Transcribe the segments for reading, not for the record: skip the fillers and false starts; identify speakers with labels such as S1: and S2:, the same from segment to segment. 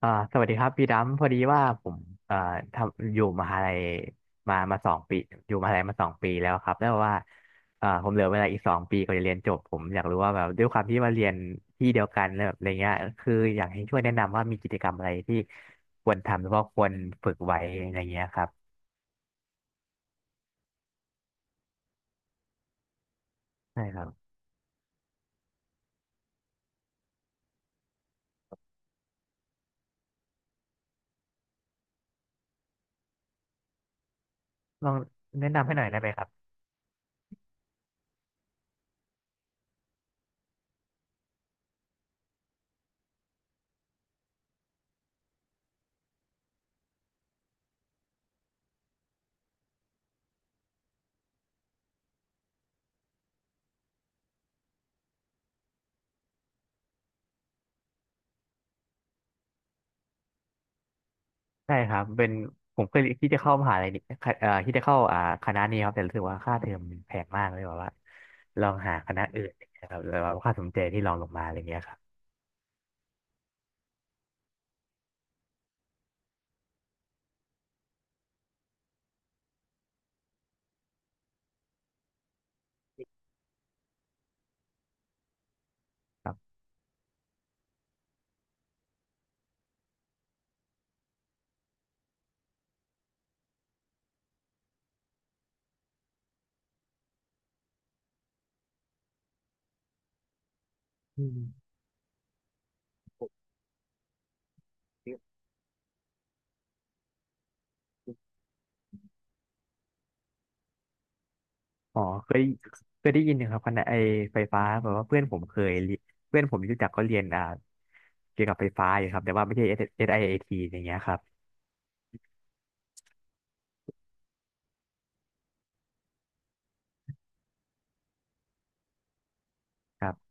S1: อ่าสวัสดีครับพี่ดำพอดีว่าผมเอ่อทำอยู่มหาลัยมาสองปีอยู่มหาลัยมาสองปีแล้วครับแล้วว่าผมเหลือเวลาอีกสองปีก็จะเรียนจบผมอยากรู้ว่าแบบด้วยความที่ว่าเรียนที่เดียวกันแล้วแบบอะไรเงี้ยคืออยากให้ช่วยแนะนำว่ามีกิจกรรมอะไรที่ควรทำหรือว่าควรฝึกไว้อะไรเงี้ยครับใช่ครับลองแนะนำให้หน่อยได้ไหมครับ ใช่ครับเป็นผมเคยที่จะเข้ามหาลัยนี่ที่จะเข้าคณะนี้ครับแต่รู้สึกว่าค่าเทอมมันแพงมากเลยแบบว่าลองหาคณะอื่นนะไรเงี้ยครับแล้วว่าค่าสมเจที่ลองลงมาอะไรเงี้ยครับครับอืมอ๋อเคยเคยได้ยินนะครับคณะไอไฟฟ้าแบบว่าเพื่อนผมเคยเรียเพื่อนผมที่รู้จักก็เรียนเกี่ยวกับไฟฟ้าอยู่ครับแต่ว่าไม่ใช่ SIAT อสไอเอทีอย่างเงี้ยครับครับ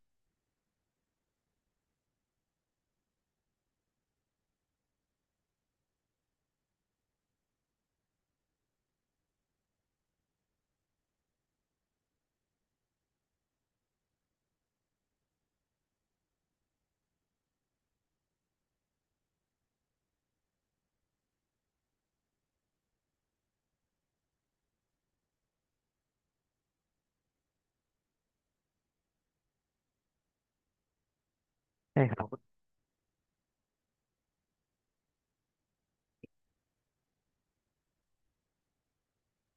S1: ใช่ครับ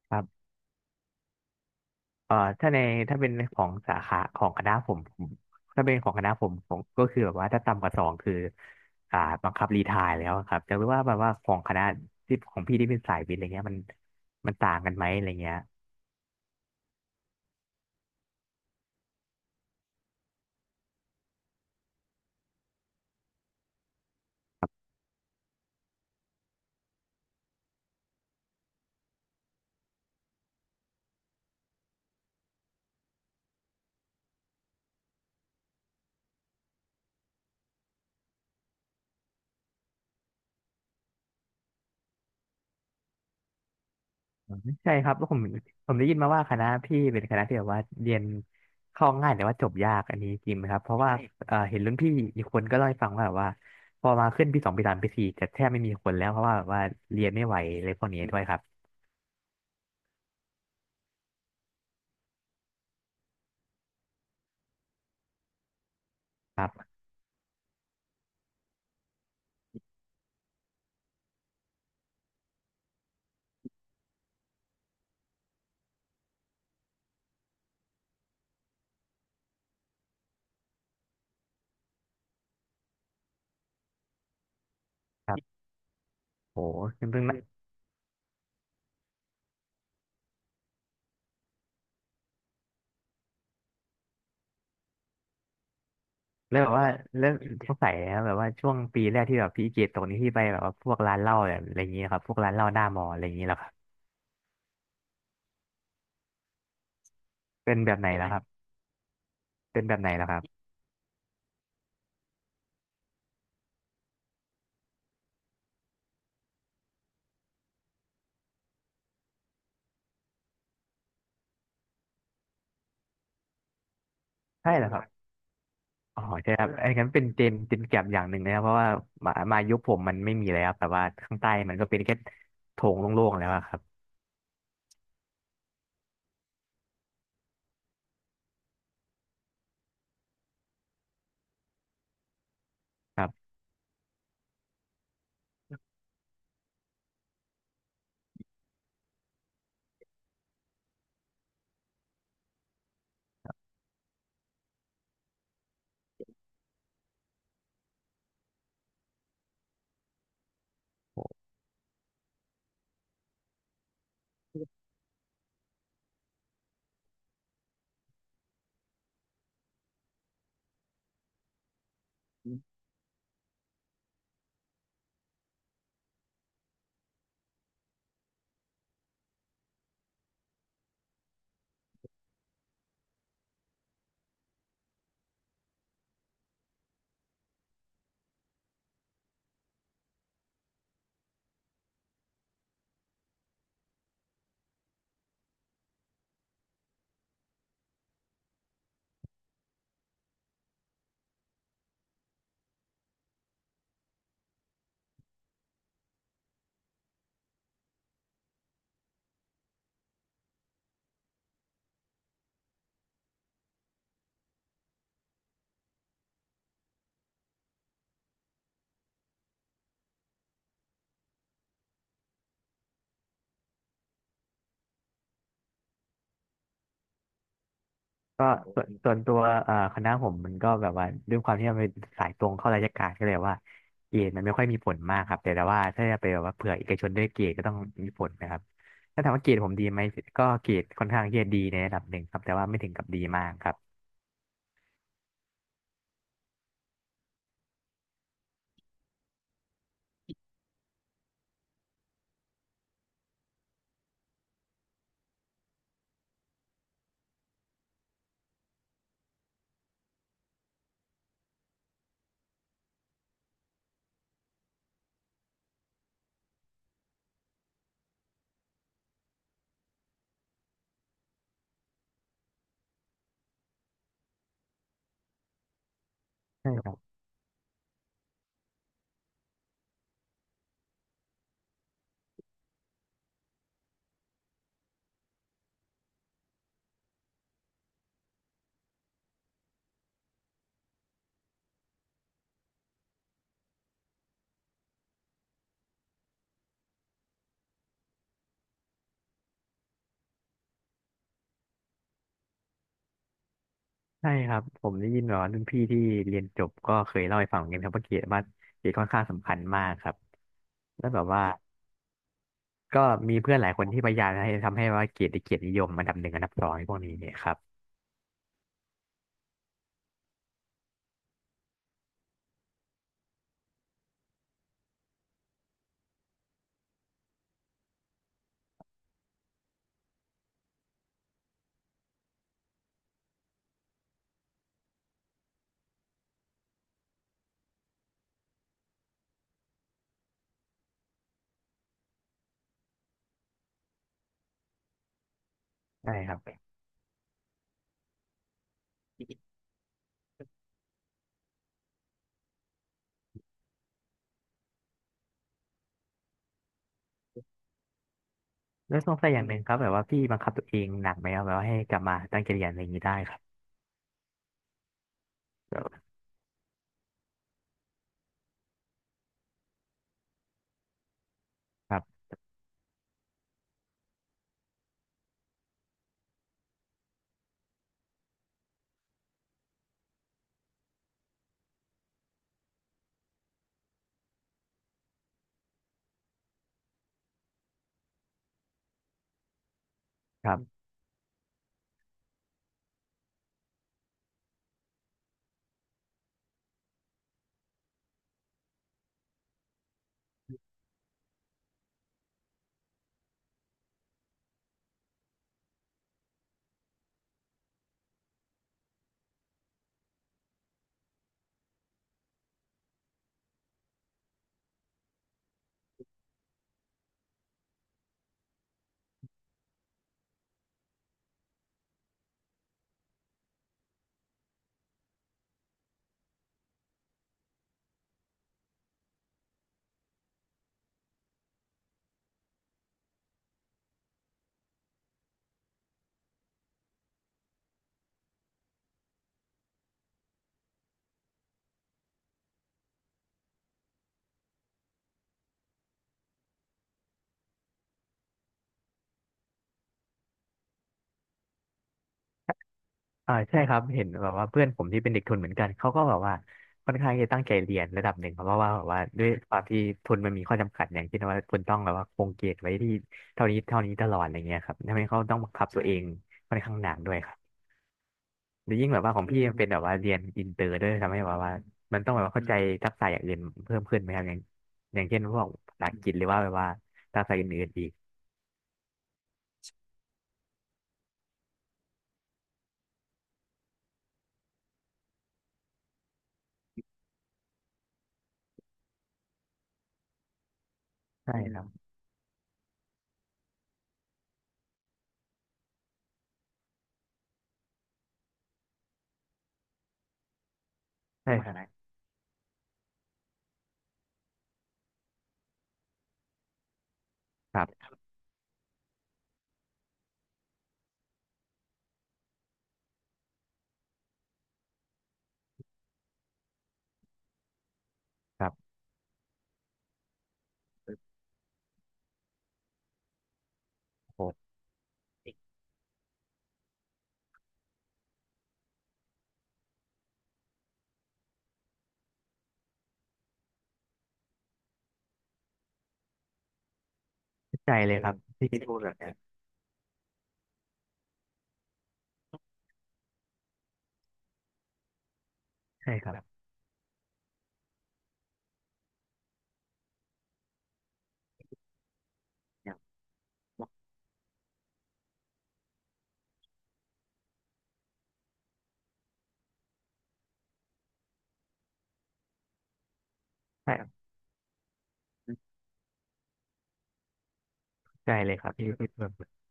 S1: ครับ เอ่อถ้าในถ้าเป็นของสาขาของคณะผมถ้าเป็นของคณะผมผมก็คือแบบว่าถ้าต่ำกว่าสองคืออ่าบังคับรีไทร์แล้วครับจะรู้ว่าแบบว่าของคณะที่ของพี่ที่เป็นสายวิทย์อะไรเงี้ยมันต่างกันไหมอะไรเงี้ยอืมใช่ครับแล้วผมได้ยินมาว่าคณะพี่เป็นคณะที่แบบว่าเรียนเข้าง่ายแต่ว่าจบยากอันนี้จริงไหมครับเพราะว่าเห็นรุ่นพี่อีกคนก็เล่าให้ฟังว่าแบบว่าพอมาขึ้นปีสองปีสามปีสี่จะแทบไม่มีคนแล้วเพราะว่าแบบว่าเรียนไม่ไหวอะไรพวกนี้ด้วยครับครับครับโหซึ่ง แล้วแบบว่าแล้วสงสัยนะครับแบบว่าช่วงปีแรกที่แบบพี่เกตตกนี้ที่ไปแบบว่าพวกร้านเหล้าแบบอะไรอย่างนี้ครับพวกร้านเหล้าหน้ามออะไรอย่างนี้แล้วครับเป็นแบบไหนแล้วครับเป็นแบบไหนแล้วครับใช่แล้วครับอ๋อใช่ครับอไอ้นั้นเป็นเจนแก็บอย่างหนึ่งนะครับเพราะว่ามายุคผมมันไม่มีแล้วครับแต่ว่าข้างใต้มันก็เป็นแค่โถงโล่งๆแล้วอะครับครับ ก็ส่วนตัวคณะผมมันก็แบบว่าด้วยความที่มันเป็นสายตรงเข้าราชการก็เลยว่าเกรดมันไม่ค่อยมีผลมากครับแต่ว่าถ้าจะไปแบบว่าเผื่อเอกชนด้วยเกรดก็ต้องมีผลนะครับถ้าถามว่าเกรดผมดีไหมก็เกรดค่อนข้างที่จะดีในระดับหนึ่งครับแต่ว่าไม่ถึงกับดีมากครับใช่ครับใช่ครับผมได้ยินแบบว่ารุ่นพี่ที่เรียนจบก็เคยเล่าให้ฟังเหมือนกันครับว่าเกรดค่อนข้างสำคัญมากครับแล้วแบบว่าก็มีเพื่อนหลายคนที่พยายามให้ทำให้ว่าเกรดได้เกียรตินิยมอันดับหนึ่งอันดับสองในพวกนี้เนี่ยครับใช่ครับ แล้วสงสัยอย่างหนึ่งครับแบบว่าพี่บังคับตัวเองหนักไหมครับแบบว่าให้กลับมาตั้งใจเรียนอะไรอย่างนี้ได้ครับแบบครับครับใช่ครับเห็นแบบว่าเพื่อนผมที่เป็นเด็กทุนเหมือนกันเขาก็แบบว่าค่อนข้างจะตั้งใจเรียนระดับหนึ่งครับเพราะว่าแบบว่าด้วยความที่ทุนมันมีข้อจำกัดอย่างเช่นว่าคุณต้องแบบว่าคงเกรดไว้ที่เท่านี้เท่านี้ตลอดอะไรเงี้ยครับทำให้เขาต้องบังคับตัวเองค่อนข้างหนักด้วยครับแล้วยิ่งแบบว่าของพี่มันเป็นแบบว่าเรียนอินเตอร์ด้วยทำให้แบบว่ามันต้องแบบว่าเข้าใจทักษะอย่างอื่นเพิ่มขึ้นไหมครับอย่างอย่างเช่นพวกภาษาอังกฤษหรือว่าแบบว่าภาษาอื่นๆอีก ใช่ครับใช่ครับนนครับครับโหเข้าใจเลยครับที่ที่พูดแบบเนี้ยใช่ครับยกใช่แใจเลยครับที่พี่เพูดแบบนี้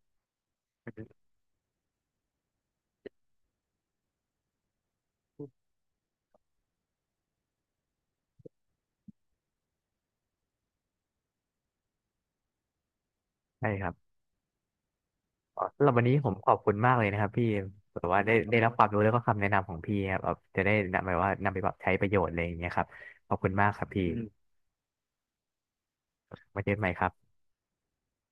S1: ใช่ครับอ๋อสำหรับวันนี้ผมขอบคุณมากเลยนะครับพี่แบบว่าได้รับความรู้แล้วก็คำแนะนำของพี่ครับแบบจะได้นำไปปรับใช้ประโยชน์อะไรอย่างเงี้ยครับขอบคุณมากครับพี่มมาเจอกันใหม่ครับ